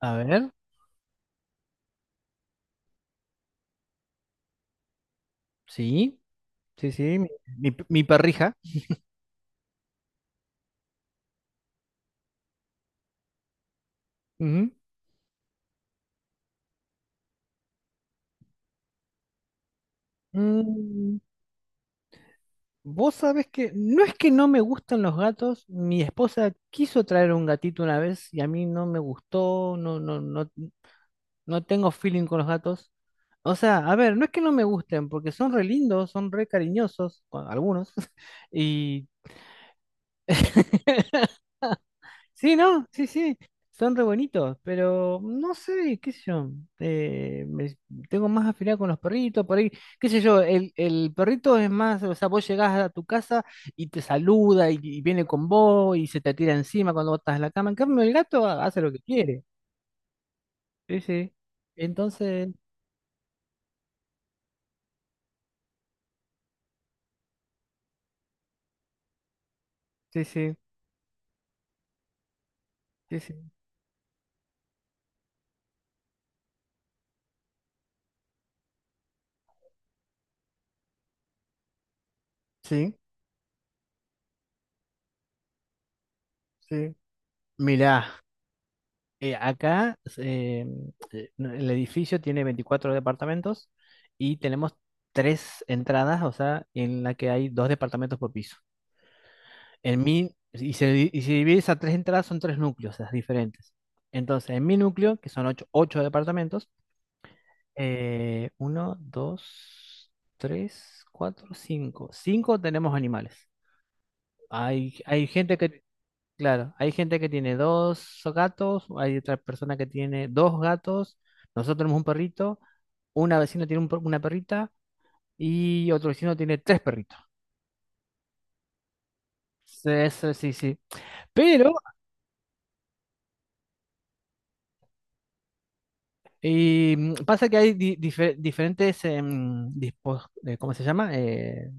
A ver, sí, sí, sí, mi perrija. Ujú. Mm, Vos sabés que no es que no me gustan los gatos, mi esposa quiso traer un gatito una vez y a mí no me gustó, no, no, no, no tengo feeling con los gatos. O sea, a ver, no es que no me gusten, porque son re lindos, son re cariñosos, bueno, algunos, y sí, no, sí, sí, son re bonitos, pero no sé, qué sé yo, eh, me- tengo más afinidad con los perritos, por ahí, qué sé yo, el perrito es más, o sea, vos llegás a tu casa y te saluda y viene con vos y se te tira encima cuando vos estás en la cama, en cambio el gato hace lo que quiere, sí, sí, entonces, sí, sí, sí, sí, sí, sí, mirá. Acá no, el edificio tiene 24 departamentos y tenemos tres entradas, o sea, en la que hay dos departamentos por piso. En mi, y se, di- Y se divide esas tres entradas, son tres núcleos, las diferentes. Entonces, en mi núcleo, que son ocho departamentos, uno, dos, tres, cuatro, cinco. Cinco tenemos animales. Hay gente que. Claro, hay gente que tiene dos gatos, hay otra persona que tiene dos gatos, nosotros tenemos un perrito, una vecina tiene una perrita y otro vecino tiene tres perritos. Sí, sí, sí, sí. Pero y, pasa que hay diferentes, ¿cómo se llama?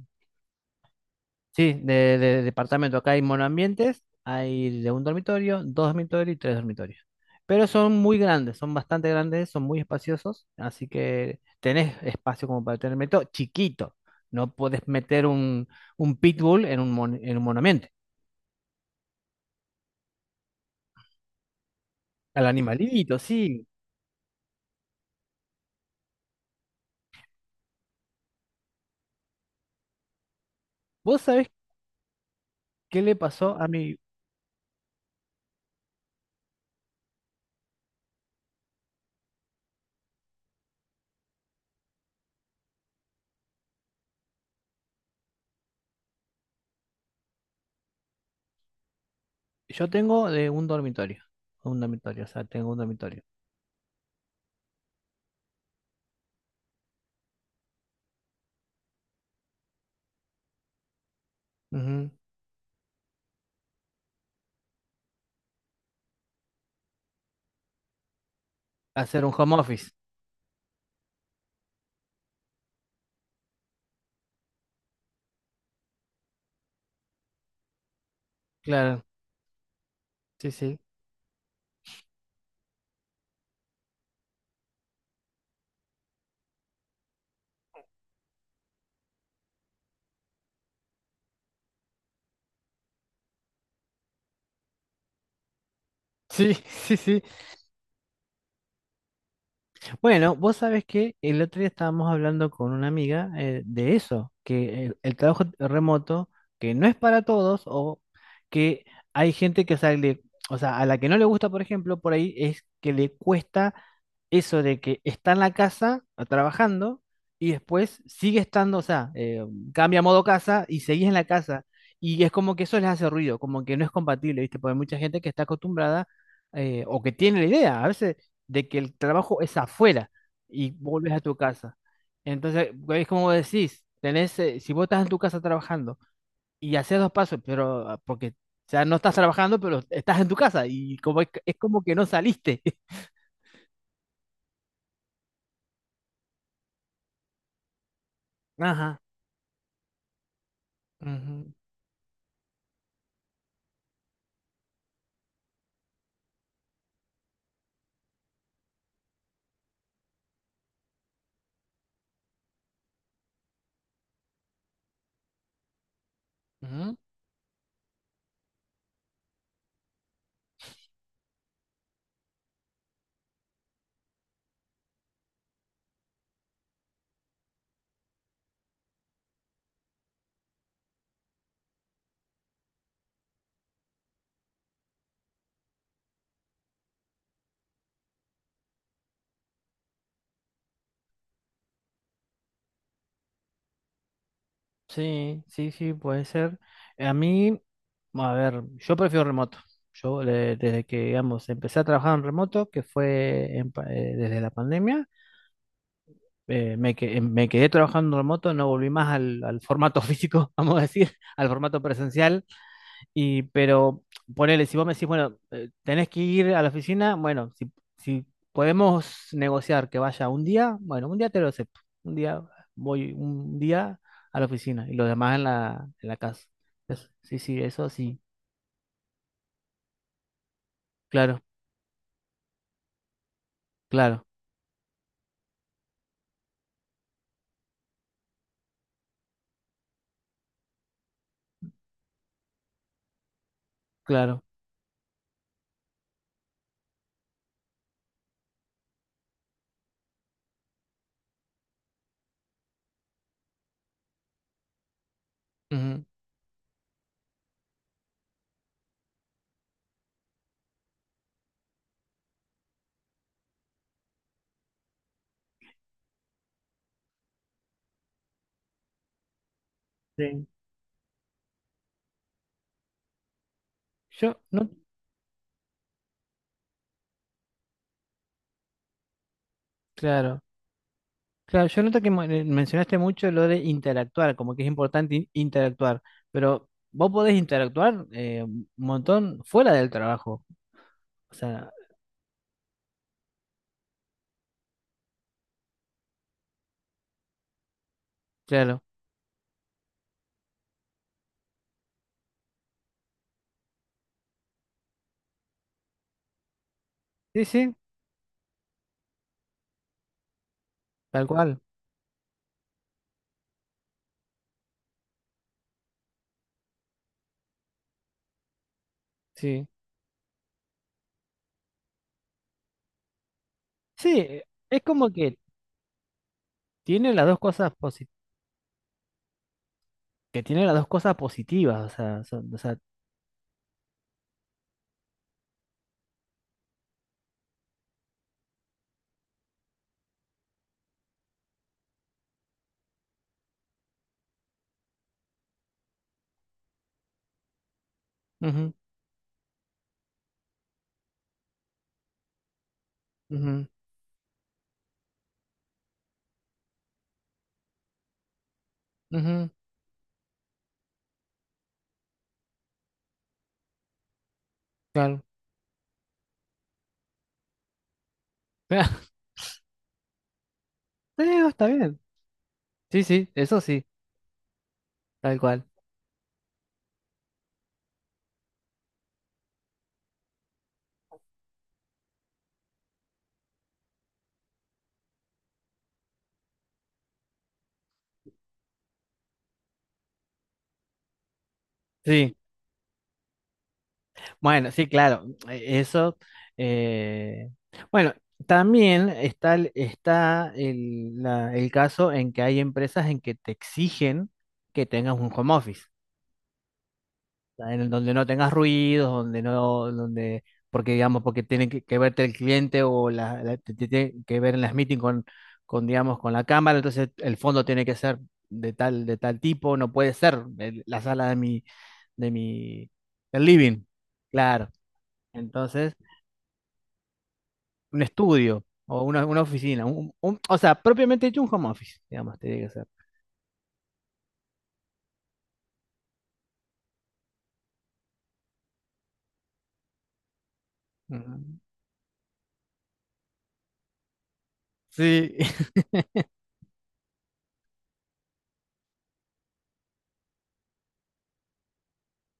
Sí, de departamento. Acá hay monoambientes, hay de un dormitorio, dos dormitorios y tres dormitorios. Pero son muy grandes, son bastante grandes, son muy espaciosos, así que tenés espacio como para tener meto chiquito. No podés meter un pitbull en en un monoambiente. Al animalito, sí. ¿Vos sabés qué le pasó a mi... Yo tengo de un dormitorio, o sea, tengo un dormitorio. Ujú. Hacer un home office, claro, sí, sí. Sí, sí, sí. Bueno, vos sabés que el otro día estábamos hablando con una amiga de eso, que el trabajo remoto, que no es para todos, o que hay gente que sale, o sea, a la que no le gusta, por ejemplo, por ahí es que le cuesta eso de que está en la casa trabajando y después sigue estando, o sea, cambia a modo casa y seguís en la casa. Y es como que eso les hace ruido, como que no es compatible, ¿viste? Porque hay mucha gente que está acostumbrada o que tiene la idea. A veces de que el trabajo es afuera y vuelves a tu casa. Entonces, es como vos decís, tenés, si vos estás en tu casa trabajando y haces dos pasos, pero porque, o sea, no estás trabajando, pero estás en tu casa y como es como que no saliste. Ajá. Ujú, ujú. Sí, sí, sí, puede ser. A mí, a ver, yo prefiero remoto. Desde que, digamos, empecé a trabajar en remoto, que fue desde la pandemia, me quedé trabajando en remoto, no volví más al formato físico, vamos a decir, al formato presencial. Y, pero ponele, si vos me decís, bueno, tenés que ir a la oficina, bueno, si podemos negociar que vaya un día, bueno, un día te lo acepto. Un día Voy un día a la oficina y los demás en la casa. Eso- sí, sí, eso sí. Claro, claro, claro. Ujú. Sí. Yo no, claro. Claro, yo noto que mencionaste mucho lo de interactuar, como que es importante interactuar, pero vos podés interactuar un montón fuera del trabajo. O sea, claro. Sí, sí, tal cual. Sí. Sí, es como que tiene las dos cosas posi- que tiene las dos cosas positivas, o sea, o sea, ujú, ujú, ujú, claro. Sí, no, está bien. Sí, sí, eso sí, tal cual. Sí. Bueno, sí, claro, e- eso. eh, bueno, también está, está el caso en que hay empresas en que te exigen que tengas un home office, o sea, en donde no tengas ruidos, donde no, donde, porque digamos, porque tiene que verte el cliente o te tiene que ver en las meetings digamos, con la cámara, entonces el fondo tiene que ser de tal tipo, no puede ser la sala de mi, del living, claro. Entonces... un estudio o una oficina. O sea, propiamente hecho un home office, digamos, tiene que ser. Ujú. Sí,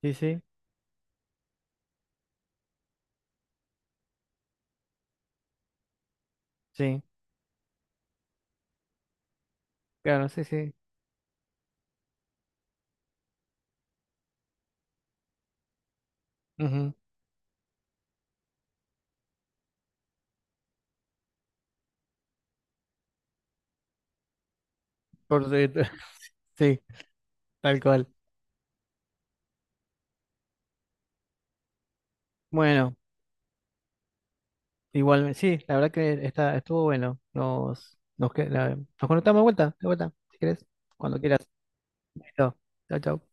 sí, sí, sí, claro, sí, sí. Ujú. Por cierto, sí, tal cual. Bueno, igual, sí, la verdad que está, estuvo bueno. Nos conectamos de vuelta, si querés, cuando quieras. Listo. Chao, chao.